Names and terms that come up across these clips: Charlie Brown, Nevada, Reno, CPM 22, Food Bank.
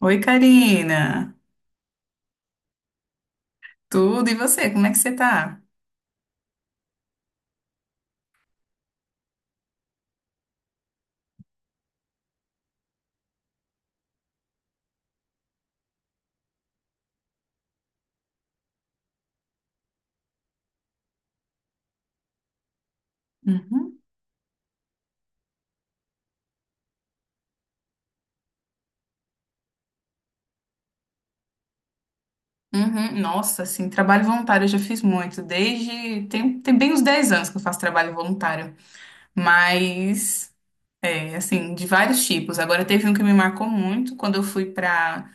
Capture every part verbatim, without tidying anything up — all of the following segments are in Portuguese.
Oi, Karina. Tudo e você? Como é que você tá? Uhum. Uhum. Nossa, assim, trabalho voluntário eu já fiz muito, desde tem, tem bem uns dez anos que eu faço trabalho voluntário, mas é, assim, de vários tipos. Agora teve um que me marcou muito quando eu fui para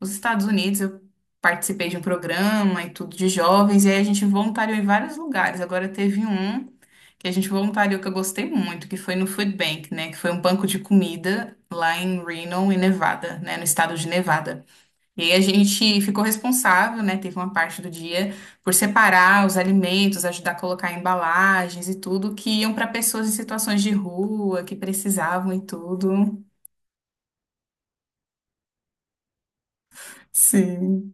Nos Estados Unidos, eu participei de um programa e tudo de jovens, e aí a gente voluntariou em vários lugares. Agora teve um que a gente voluntariou que eu gostei muito, que foi no Food Bank, né? Que foi um banco de comida lá em Reno, em Nevada, né? No estado de Nevada. E aí a gente ficou responsável, né? Teve uma parte do dia por separar os alimentos, ajudar a colocar embalagens e tudo que iam para pessoas em situações de rua, que precisavam e tudo. Sim.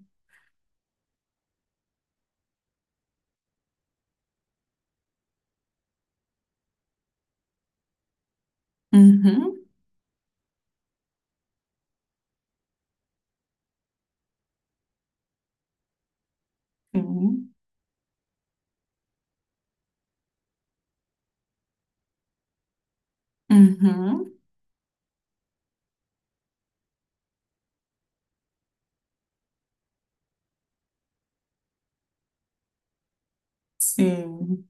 Uhum. Sim. Uhum. Sim.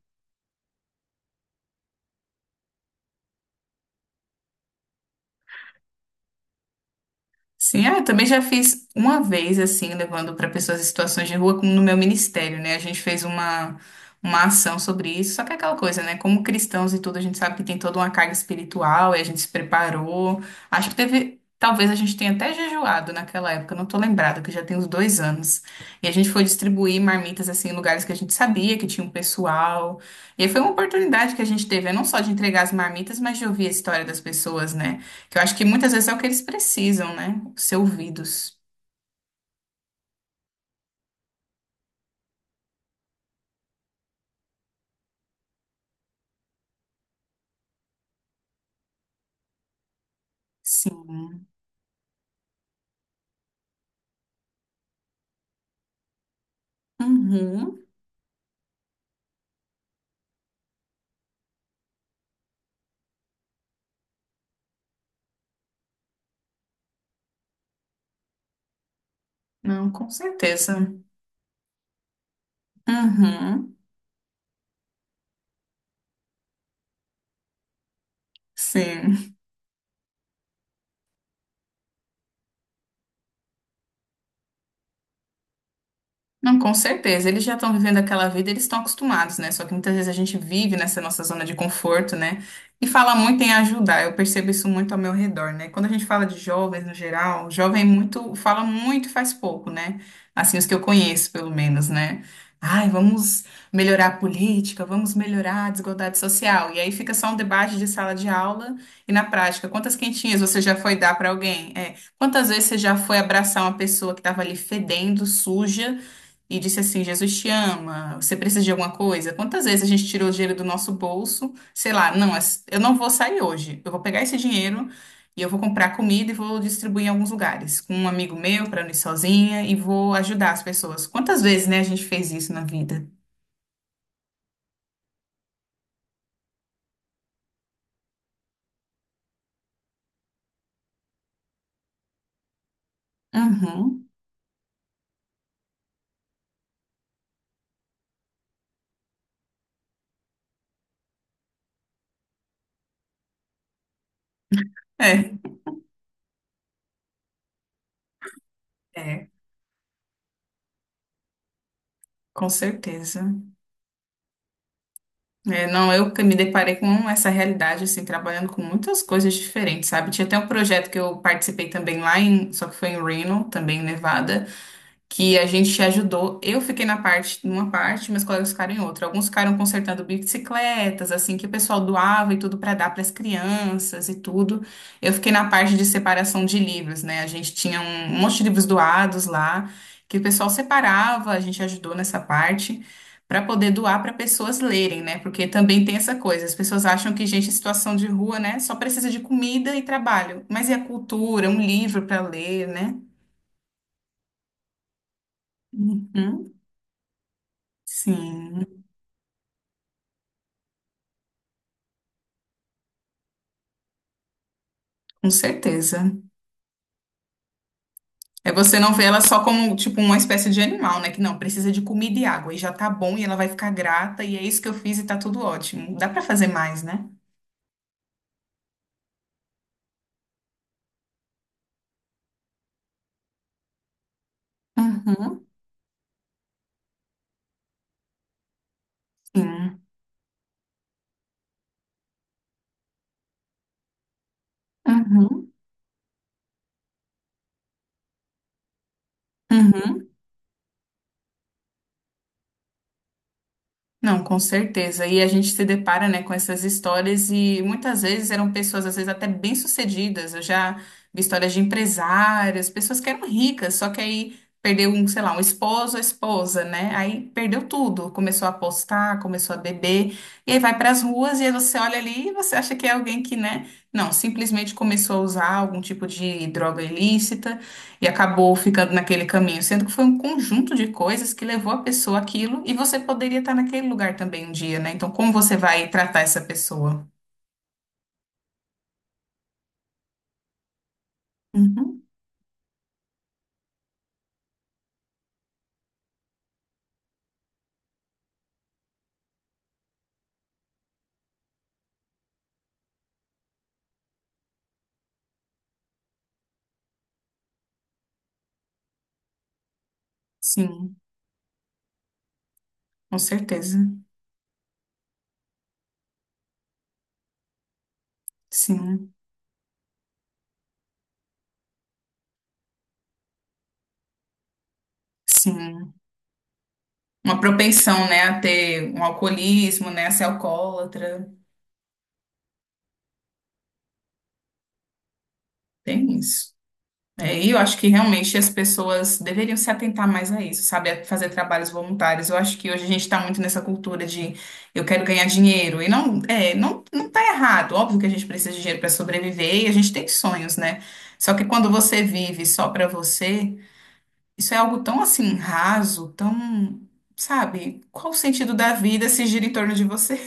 Sim, ah, eu também já fiz uma vez, assim, levando para pessoas em situações de rua, como no meu ministério, né? A gente fez uma, uma ação sobre isso, só que é aquela coisa, né? Como cristãos e tudo, a gente sabe que tem toda uma carga espiritual e a gente se preparou. Acho que teve, talvez a gente tenha até jejuado naquela época, não tô lembrada, que já tem uns dois anos. E a gente foi distribuir marmitas, assim, em lugares que a gente sabia que tinha um pessoal. E aí foi uma oportunidade que a gente teve, né? Não só de entregar as marmitas, mas de ouvir a história das pessoas, né? Que eu acho que muitas vezes é o que eles precisam, né? Ser ouvidos. Sim. Uhum. Não, com certeza. Uhum. Sim. Não, com certeza. Eles já estão vivendo aquela vida, eles estão acostumados, né? Só que muitas vezes a gente vive nessa nossa zona de conforto, né? E fala muito em ajudar. Eu percebo isso muito ao meu redor, né? Quando a gente fala de jovens no geral, jovem é muito fala muito e faz pouco, né? Assim, os que eu conheço, pelo menos, né? Ai, vamos melhorar a política, vamos melhorar a desigualdade social. E aí fica só um debate de sala de aula e na prática, quantas quentinhas você já foi dar para alguém? É, quantas vezes você já foi abraçar uma pessoa que estava ali fedendo, suja? E disse assim: Jesus te ama, você precisa de alguma coisa? Quantas vezes a gente tirou dinheiro do nosso bolso? Sei lá, não, as- eu não vou sair hoje. Eu vou pegar esse dinheiro e eu vou comprar comida e vou distribuir em alguns lugares, com um amigo meu, para não ir sozinha, e vou ajudar as pessoas. Quantas vezes, né, a gente fez isso na vida? Uhum. É, é, com certeza. É, não, eu que me deparei com essa realidade, assim, trabalhando com muitas coisas diferentes, sabe? Tinha até um projeto que eu participei também lá em, só que foi em Reno, também em Nevada, que a gente ajudou. Eu fiquei na parte, numa parte, meus colegas ficaram em outra. Alguns ficaram consertando bicicletas, assim, que o pessoal doava e tudo para dar para as crianças e tudo. Eu fiquei na parte de separação de livros, né? A gente tinha um monte de livros doados lá, que o pessoal separava, a gente ajudou nessa parte. Para poder doar para pessoas lerem, né? Porque também tem essa coisa. As pessoas acham que gente em situação de rua, né, só precisa de comida e trabalho. Mas e a cultura, um livro para ler, né? Uhum. Sim. Com certeza. É, você não ver ela só como, tipo, uma espécie de animal, né? Que não, precisa de comida e água e já tá bom e ela vai ficar grata e é isso que eu fiz e tá tudo ótimo. Dá pra fazer mais, né? Uhum, sim. Uhum, uhum. Não, com certeza. E a gente se depara, né, com essas histórias e muitas vezes eram pessoas, às vezes até bem-sucedidas. Eu já vi histórias de empresários, pessoas que eram ricas, só que aí perdeu um, sei lá, um esposo, a esposa, né? Aí perdeu tudo, começou a apostar, começou a beber, e aí vai para as ruas e aí você olha ali e você acha que é alguém que, né? Não, simplesmente começou a usar algum tipo de droga ilícita e acabou ficando naquele caminho, sendo que foi um conjunto de coisas que levou a pessoa àquilo e você poderia estar naquele lugar também um dia, né? Então, como você vai tratar essa pessoa? Uhum. Sim, com certeza. Sim, sim. Uma propensão, né, a ter um alcoolismo, né, a ser alcoólatra. Tem isso. É, e eu acho que realmente as pessoas deveriam se atentar mais a isso, sabe? A fazer trabalhos voluntários. Eu acho que hoje a gente está muito nessa cultura de eu quero ganhar dinheiro. E não, é, não, não tá errado. Óbvio que a gente precisa de dinheiro para sobreviver e a gente tem sonhos, né? Só que quando você vive só para você, isso é algo tão assim raso, tão, sabe? Qual o sentido da vida se gira em torno de você?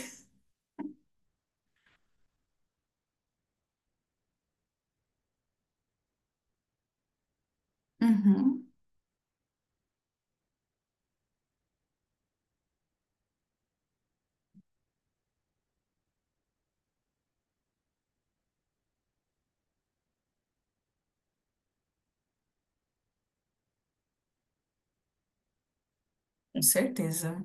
Uhum, com certeza.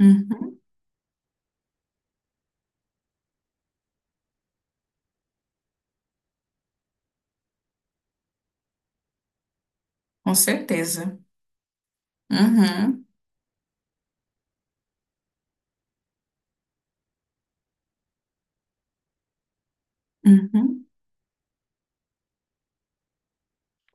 Uhum, com certeza. Uhum, uhum.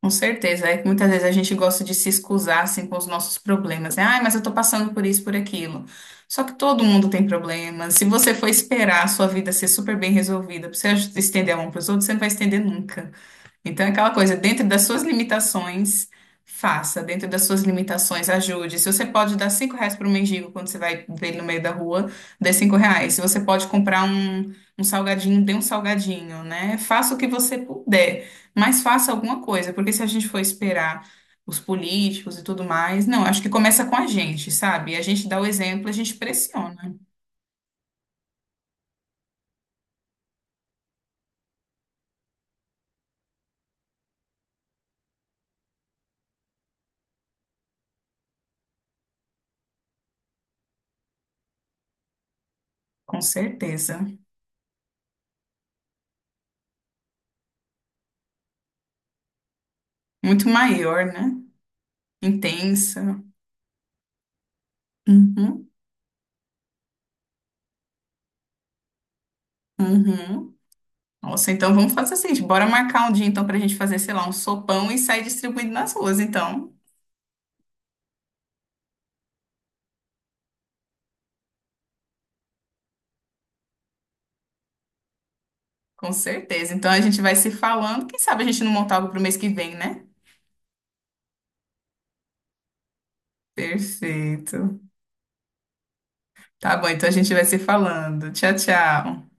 Com certeza, é que muitas vezes a gente gosta de se excusar assim, com os nossos problemas, né? Ai, mas eu tô passando por isso, por aquilo. Só que todo mundo tem problemas. Se você for esperar a sua vida ser super bem resolvida, pra você aj- estender a mão pros outros, você não vai estender nunca. Então, é aquela coisa, dentro das suas limitações, faça. Dentro das suas limitações, ajude. Se você pode dar cinco reais para um mendigo quando você vai ver ele no meio da rua, dê cinco reais. Se você pode comprar um, um salgadinho, dê um salgadinho, né? Faça o que você puder, mas faça alguma coisa, porque se a gente for esperar os políticos e tudo mais, não, acho que começa com a gente, sabe? A gente dá o exemplo, a gente pressiona, com certeza. Muito maior, né? Intensa. Uhum, uhum. Nossa, então vamos fazer assim, bora marcar um dia então pra gente fazer, sei lá, um sopão e sair distribuindo nas ruas, então. Com certeza. Então a gente vai se falando, quem sabe a gente não montar algo pro mês que vem, né? Perfeito. Tá bom, então a gente vai se falando. Tchau, tchau.